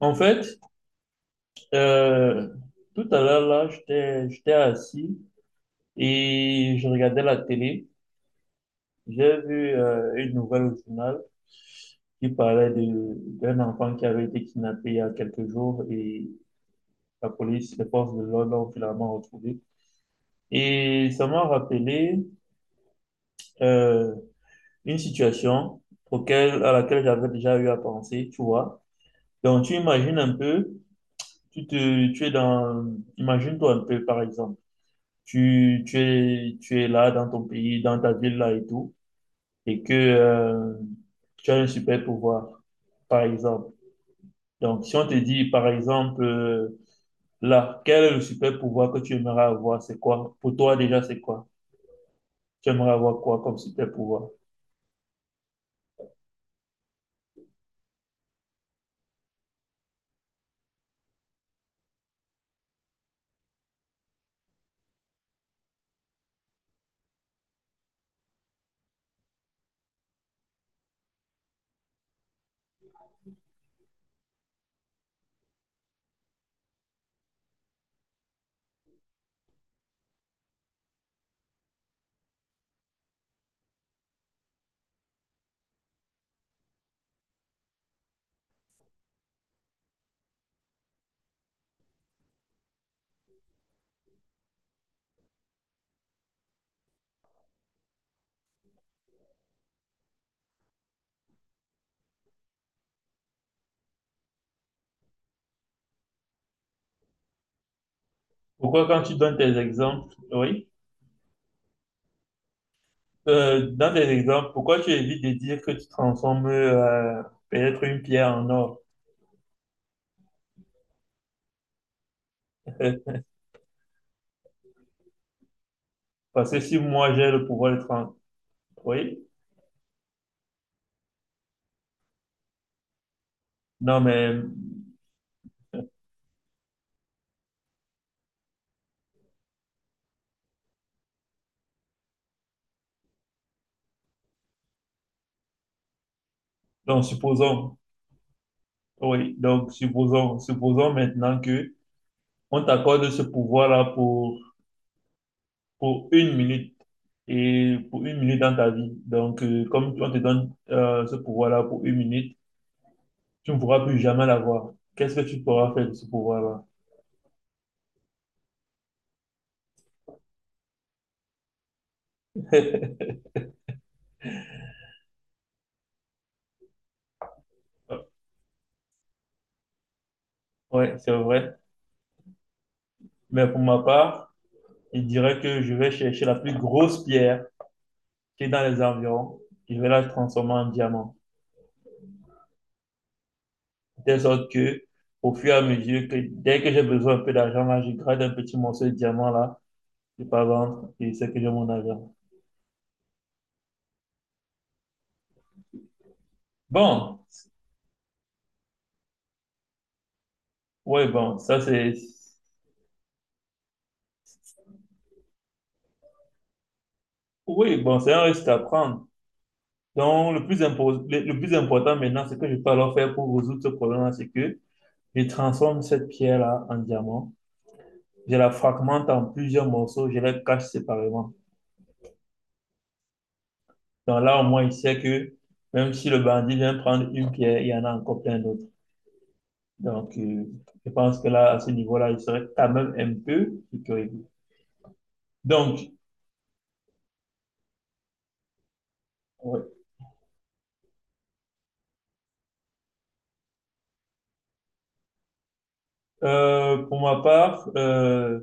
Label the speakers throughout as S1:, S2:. S1: En fait, euh, tout à l'heure, là, j'étais assis et je regardais la télé. J'ai vu une nouvelle au journal qui parlait d'un enfant qui avait été kidnappé il y a quelques jours et les forces de l'ordre l'ont finalement retrouvé. Et ça m'a rappelé euh, une situation à laquelle j'avais déjà eu à penser, tu vois. Donc, tu imagines un peu, tu te, tu es dans, imagine-toi un peu, par exemple. Tu es là dans ton pays, dans ta ville là et tout, et que tu as un super pouvoir, par exemple. Donc, si on te dit, par exemple, là, quel est le super pouvoir que tu aimerais avoir, c'est quoi? Pour toi déjà, c'est quoi? Tu aimerais avoir quoi comme super pouvoir? Pourquoi quand tu donnes tes exemples, oui? Dans des exemples, pourquoi tu évites de dire que tu transformes peut-être une pierre en or? Parce que si moi j'ai le pouvoir de transformer, oui, non mais, donc supposons, oui, donc supposons, supposons maintenant que on t'accorde ce pouvoir-là pour une minute et pour une minute dans ta vie. Donc, comme on te donne ce pouvoir-là pour une minute, tu ne pourras plus jamais l'avoir. Qu'est-ce que tu pourras faire de ce pouvoir-là? Oui, c'est vrai. Mais pour ma part, il dirait que je vais chercher la plus grosse pierre qui est dans les environs, je vais la transformer en diamant. De telle sorte que, au fur et à mesure que, dès que j'ai besoin un peu d'argent, là, je grade un petit morceau de diamant, là, je pas vendre, et c'est que j'ai mon argent. Bon, ouais, bon, ça c'est, oui, bon, c'est un risque à prendre. Donc, le plus, le plus important maintenant, c'est que je peux alors faire pour résoudre ce problème-là, c'est que je transforme cette pierre-là en diamant, je la fragmente en plusieurs morceaux, je la cache séparément. Donc là, au moins, il sait que même si le bandit vient prendre une pierre, il y en a encore plein d'autres. Donc, je pense que là, à ce niveau-là, il serait quand même un peu sécurisé. Donc, ouais. Pour ma part, euh,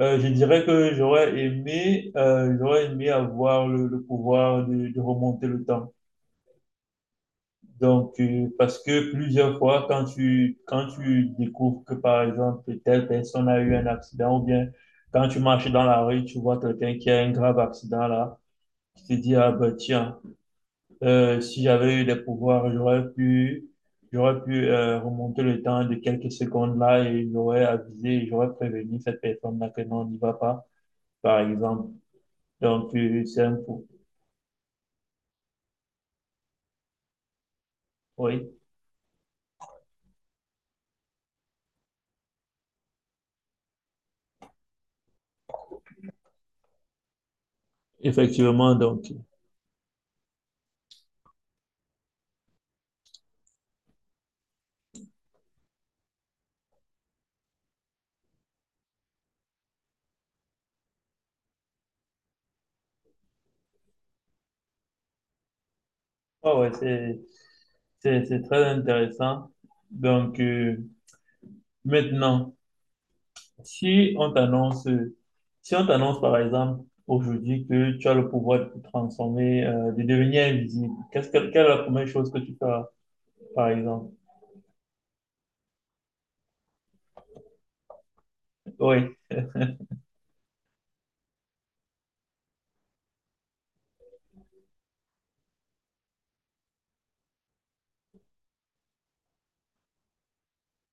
S1: euh, je dirais que j'aurais aimé avoir le pouvoir de remonter le temps. Donc, parce que plusieurs fois, quand tu découvres que, par exemple, telle personne a eu un accident, ou bien quand tu marches dans la rue, tu vois quelqu'un qui a un grave accident là, tu te dis, ah ben tiens, si j'avais eu des pouvoirs, j'aurais pu remonter le temps de quelques secondes là et j'aurais avisé, j'aurais prévenu cette personne-là que non, on n'y va pas, par exemple. Donc, c'est un coup. Oui, effectivement, donc. Ah ouais, c'est très intéressant. Donc, maintenant, si on t'annonce, si on t'annonce par exemple aujourd'hui que tu as le pouvoir de te transformer, de devenir invisible, quelle est la première chose que tu feras, par exemple? Oui.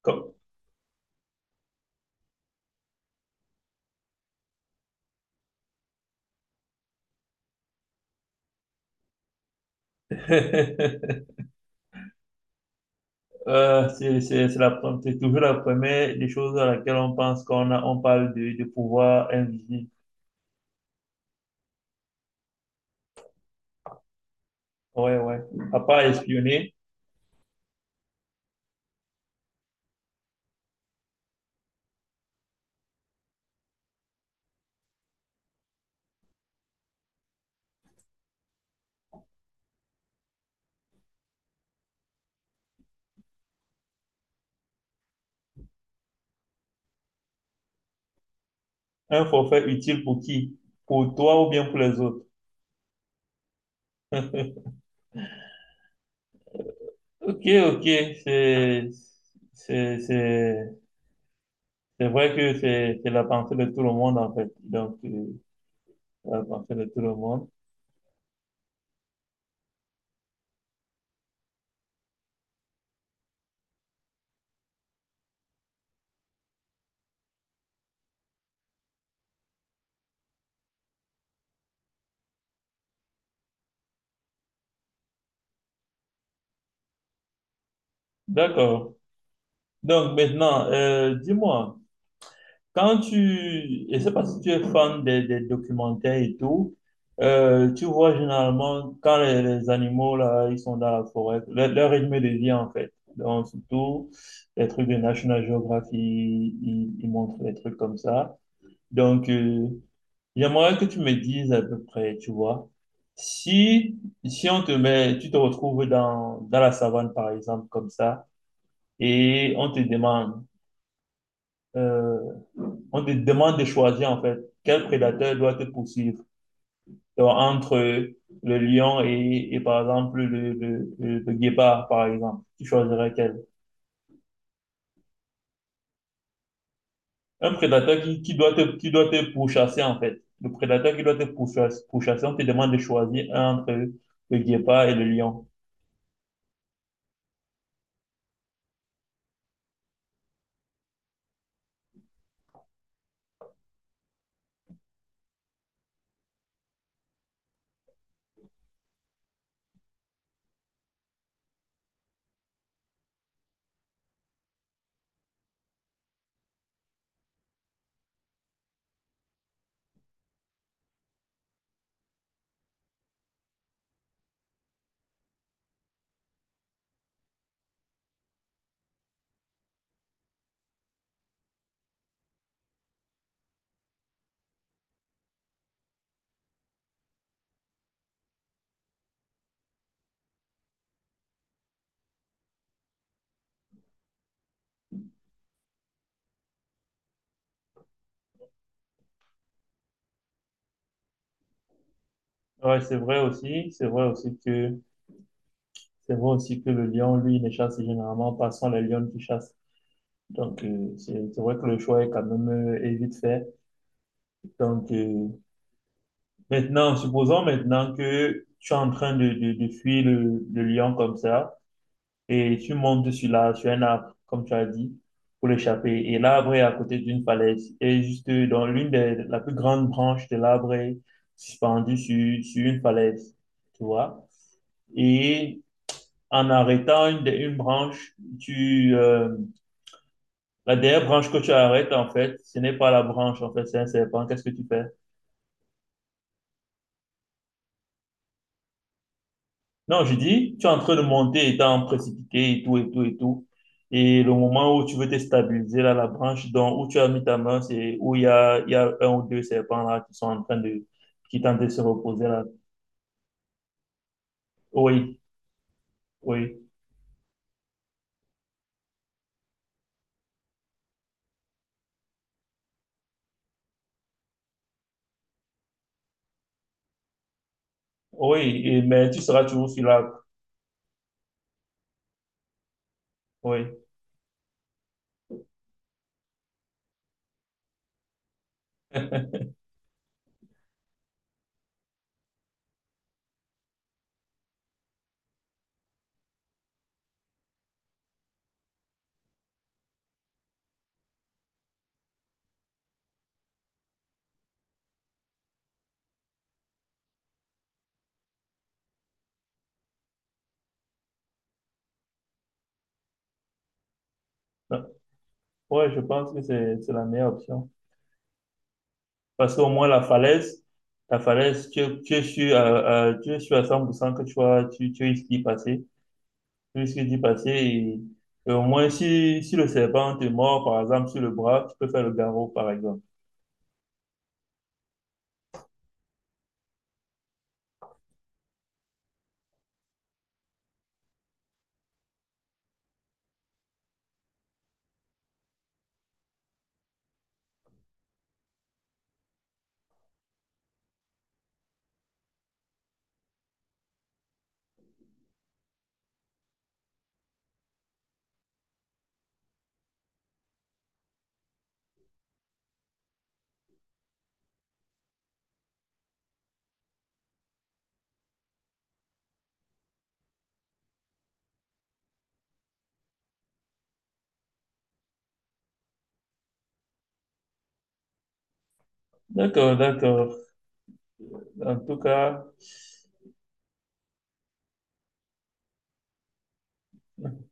S1: comme- c'est, c'est toujours la première des choses à laquelle on pense qu'on a, on parle de pouvoir invisible. Ouais. À part espionner, un forfait utile pour qui? Pour toi ou bien pour les autres? Ok, ok, c'est, c'est, c'est, c'est vrai que c'est la pensée de tout le monde, en fait. Donc, la pensée de tout le monde. D'accord. Donc, maintenant, dis-moi, quand tu, je sais pas si tu es fan des documentaires et tout, tu vois généralement quand les animaux, là, ils sont dans la forêt, leur rythme de vie, en fait. Donc, surtout, les trucs de National Geographic, ils montrent des trucs comme ça. Donc, j'aimerais que tu me dises à peu près, tu vois, si, si on te met, tu te retrouves dans, dans la savane, par exemple, comme ça, et euh, on te demande de choisir, en fait, quel prédateur doit te poursuivre. Donc, entre le lion et par exemple, le guépard, par exemple, tu choisirais quel? Un prédateur qui doit te pourchasser, en fait. Le prédateur qui doit te pourchasser, pourchasser, on te demande de choisir un entre le guépard et le lion. Ouais, c'est vrai aussi que c'est vrai aussi que le lion, lui, ne chasse généralement pas, ce sont les lions qui chassent. Donc, c'est vrai que le choix est quand même est vite fait. Donc, maintenant, supposons maintenant que tu es en train de fuir le lion comme ça et tu montes sur la, sur un arbre, comme tu as dit, pour l'échapper. Et l'arbre est à côté d'une falaise et juste dans l'une des, la plus grande branche de l'arbre est suspendue sur, sur une falaise, tu vois. Et en arrêtant une branche, tu, la dernière branche que tu arrêtes, en fait, ce n'est pas la branche, en fait, c'est un serpent. Qu'est-ce que tu fais? Non, je dis, tu es en train de monter étant précipité et tout, et tout, et tout. Et le moment où tu veux te stabiliser, là, la branche dont, où tu as mis ta main, c'est où il y a un ou deux serpents, là, qui sont en train de, qui tentent de se reposer, là. Oui, oui, oui, et- mais tu seras toujours sur l'arbre. Oui. Ouais, je pense que c'est la meilleure option. Parce qu'au moins, la falaise, tu, tu es sûr, tu es sûr à 100% que tu vas, tu risques d'y passer. Tu risques d'y passer et au moins, si, si le serpent te mord, par exemple, sur le bras, tu peux faire le garrot, par exemple. D'accord, d'accord. En tout cas,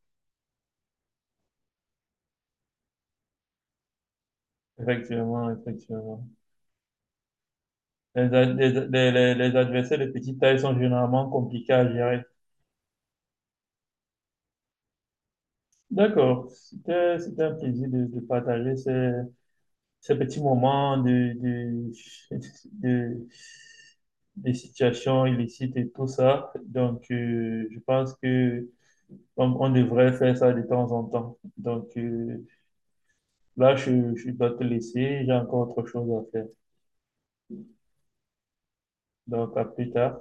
S1: effectivement, effectivement. Les, les, les les adversaires de petite taille sont généralement compliqués à gérer. D'accord. C'était un plaisir de partager ces, ces petits moments de, de situations illicites et tout ça. Donc, je pense que on devrait faire ça de temps en temps. Donc, là, je dois te laisser, j'ai encore autre chose à faire. Donc, à plus tard.